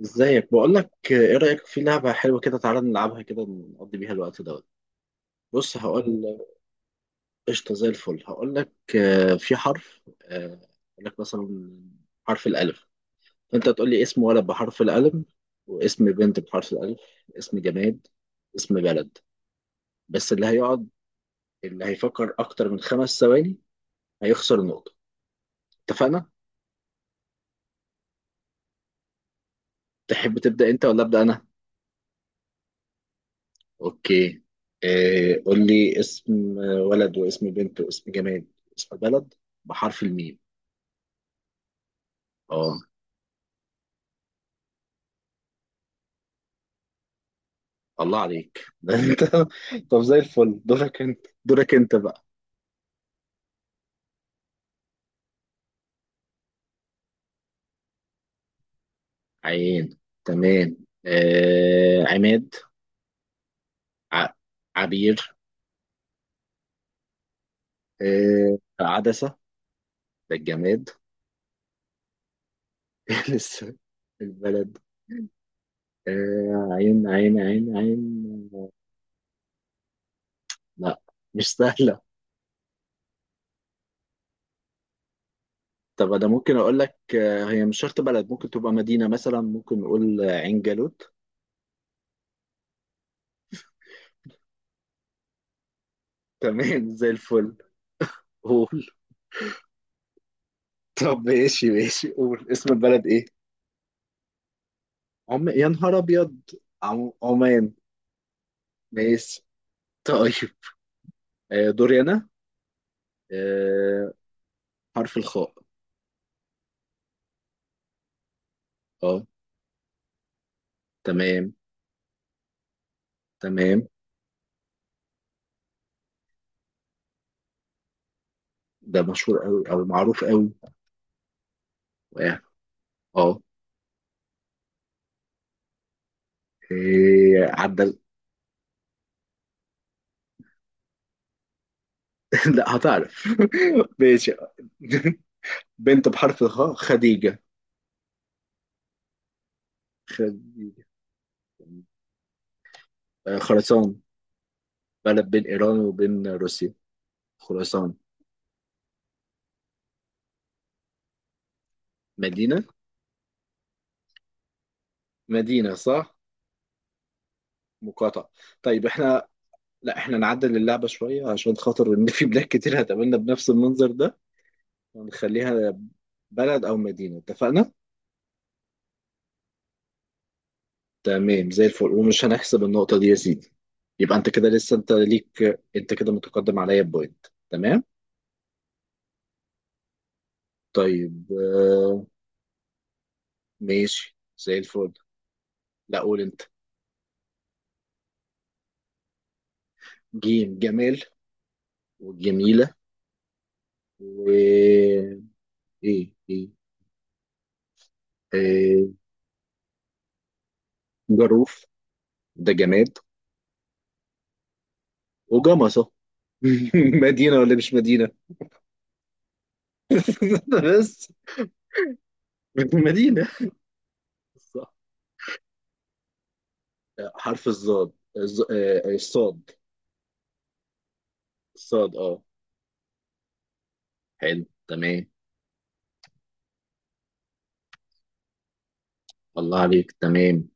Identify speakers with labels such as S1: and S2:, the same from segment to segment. S1: ازيك؟ بقول لك، ايه رايك في لعبه حلوه كده؟ تعالى نلعبها كده نقضي بيها الوقت دوت. بص هقول. قشطه، زي الفل. هقول لك، في حرف، هقول لك مثلا حرف الالف. انت تقول لي اسم ولد بحرف الالف، واسم بنت بحرف الالف، اسم جماد، اسم بلد. بس اللي هيفكر اكتر من 5 ثواني هيخسر نقطه، اتفقنا؟ تحب تبدا انت ولا ابدا انا؟ اوكي. قول لي اسم ولد، واسم بنت، واسم جماد، واسم بلد بحرف الميم. اه، الله عليك. ده انت! طب زي الفل، دورك انت بقى. عين، تمام. عماد. ع... عبير. عدسة، ده الجماد. لسه البلد. آه، عين عين عين عين، لا، مش سهلة. طب انا ممكن اقول لك، هي مش شرط بلد، ممكن تبقى مدينة مثلا، ممكن نقول عين جالوت. تمام، زي الفل. قول. طب، ماشي ماشي، قول اسم البلد ايه. عم، يا نهار ابيض! عمان. ماشي. طيب، دوري انا. آه، حرف الخاء. اه، تمام تمام. ده مشهور قوي او معروف قوي. اه. آه. إيه عدل. لا، هتعرف. ماشي. بنت بحرف الخاء، خديجة. خديجة. خراسان، بلد بين إيران وبين روسيا، خراسان. مدينة مدينة صح. مقاطعة. طيب احنا... لا، احنا نعدل اللعبة شوية عشان خاطر ان في بلاد كتير هتقابلنا بنفس المنظر ده، ونخليها بلد او مدينة، اتفقنا؟ تمام زي الفل، ومش هنحسب النقطة دي يا سيدي. يبقى انت كده لسه، انت ليك، انت كده متقدم عليا بوينت، تمام. طيب، ماشي زي الفل. لا، قول انت. جيم، جمال وجميلة. و ايه؟ ايه إيه. آه، جروف، ده جماد. وجمصة. مدينة ولا مش مدينة؟ بس مدينة، صح. حرف الظاد، الصاد. الصاد، اه. حلو، تمام. الله عليك، تمام.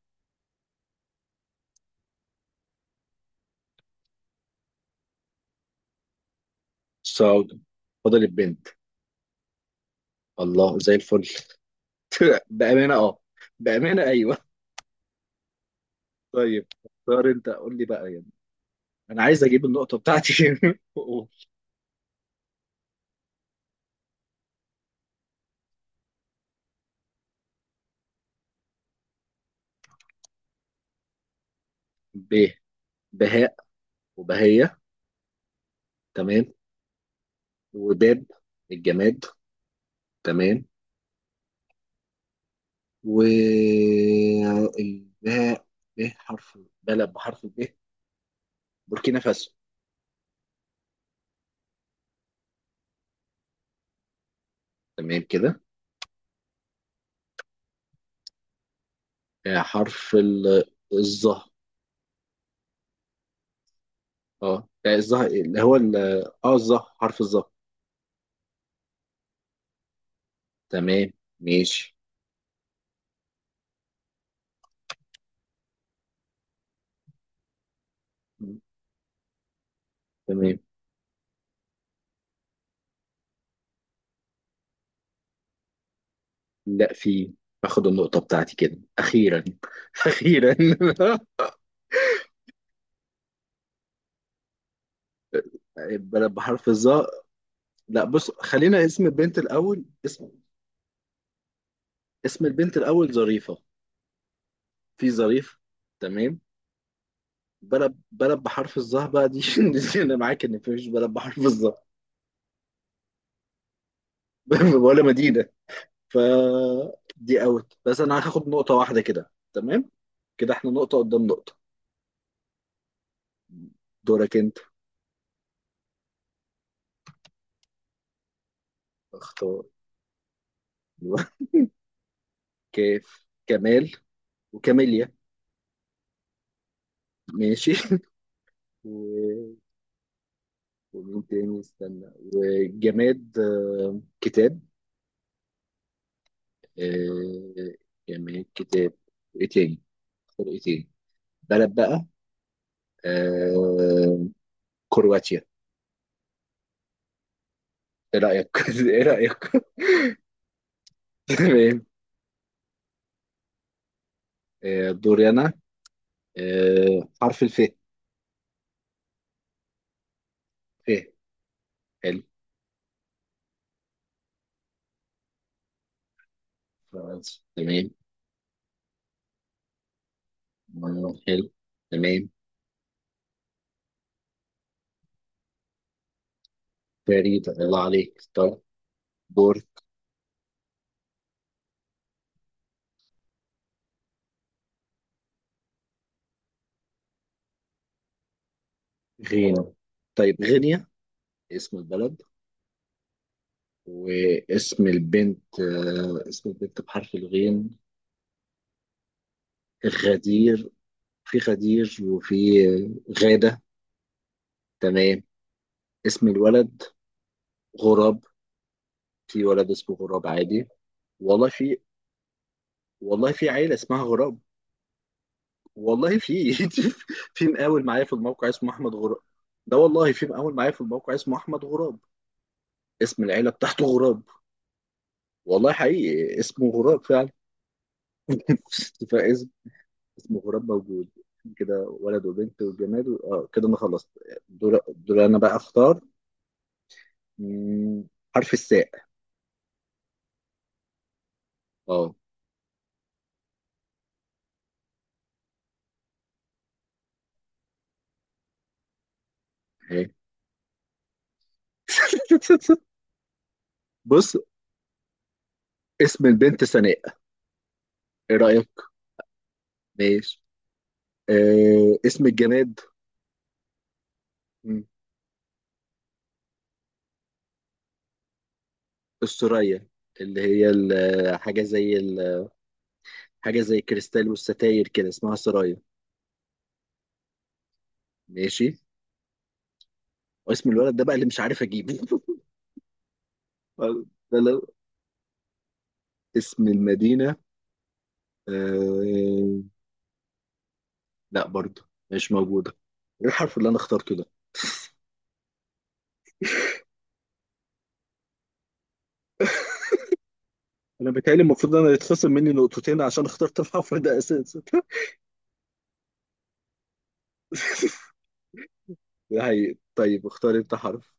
S1: صاد، فضل البنت. الله، زي الفل. بأمانة اه بأمانة ايوه. طيب اختار انت، قول لي بقى يعني، انا عايز اجيب النقطة بتاعتي. ب، بهاء وبهية، تمام. وباب، الجماد، تمام. والباء، ب حرف، بلد بحرف ب، بوركينا فاسو. تمام كده. حرف الظه. اه، لا، الظه اللي هو الظه، حرف الظه. تمام. ماشي. م، تمام. لا، في. باخد النقطة بتاعتي كده أخيرا. أخيرا. بلد بحرف الظه، لا بص، خلينا اسم البنت الأول. اسم اسم البنت الأول ظريفة. في ظريف، تمام. بلد بحرف الظهر بقى، دي... دي انا معاك ان مفيش بلد بحرف الظهر. ولا مدينه. ف دي اوت، بس انا هاخد نقطه واحده كده، تمام. كده احنا نقطه قدام نقطه. دورك انت، اختار. أيوة. كيف، كمال وكاميليا. ماشي. و... ومين تاني؟ استنى. وجماد، كتاب. آه، جماد كتاب. ايه تاني؟ اختار ايه تاني؟ بلد بقى. آه، كرواتيا. ايه رأيك؟ ايه رأيك؟ تمام. دوري انا. حرف الف. ف حلو. فرنسا، تمام. حلو، تمام. فريد، الله عليك. طيب، بورت. غينا، طيب، غينيا، اسم البلد. واسم البنت، اسم البنت بحرف الغين، غدير. في غدير، وفي غادة، تمام. اسم الولد غراب. في ولد اسمه غراب عادي. والله في. والله في عيلة اسمها غراب. والله في. في مقاول معايا في الموقع اسمه احمد غراب. ده والله في مقاول معايا في الموقع اسمه احمد غراب، اسم العيله بتاعته غراب. والله حقيقي اسمه غراب فعلا. فاسم، اسمه غراب، موجود. كده ولد وبنت وجماد اه، كده انا خلصت. دول دول، انا بقى اختار. مم، حرف الساء. اه. إيه. بص، اسم البنت سناء، ايه رايك؟ ماشي. اسم الجماد، مم، السرية، اللي هي حاجه زي كريستال والستاير كده، اسمها سرايا. ماشي. واسم الولد ده بقى اللي مش عارف اجيبه. ده لو اسم المدينه، آه... لا، برضه مش موجوده. ايه الحرف اللي انا اخترته ده؟ انا بيتهيألي المفروض انا يتخصم مني نقطتين عشان اخترت الحرف ده اساسا. ده هي، طيب اختار انت حرف.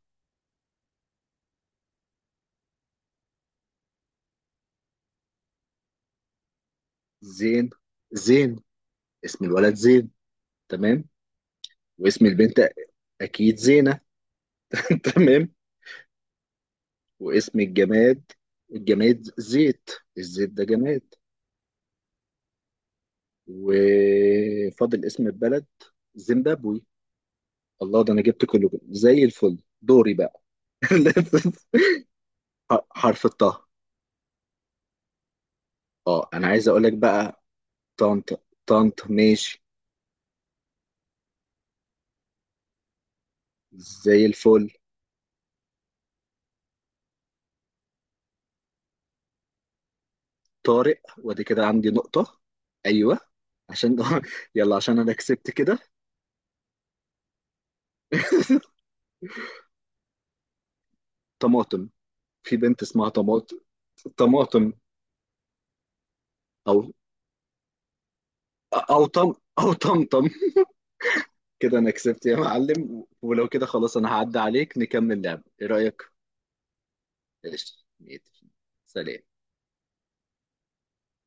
S1: زين. زين، اسم الولد زين، تمام. واسم البنت، اكيد زينة. تمام. واسم الجماد، الجماد زيت، الزيت ده جماد. وفاضل اسم البلد، زيمبابوي. الله، ده انا جبت كله كده. زي الفل، دوري بقى. حرف الطه. اه، انا عايز اقول لك بقى. طنط طنط، ماشي زي الفل. طارق، وادي كده عندي نقطة، ايوه، عشان يلا، عشان انا كسبت كده. طماطم، في بنت اسمها طماطم. طماطم، او او طم، او طمطم. كده انا كسبت يا معلم، ولو كده خلاص انا هعدي عليك، نكمل لعب، ايه رأيك؟ قشطة. 100%. سلام.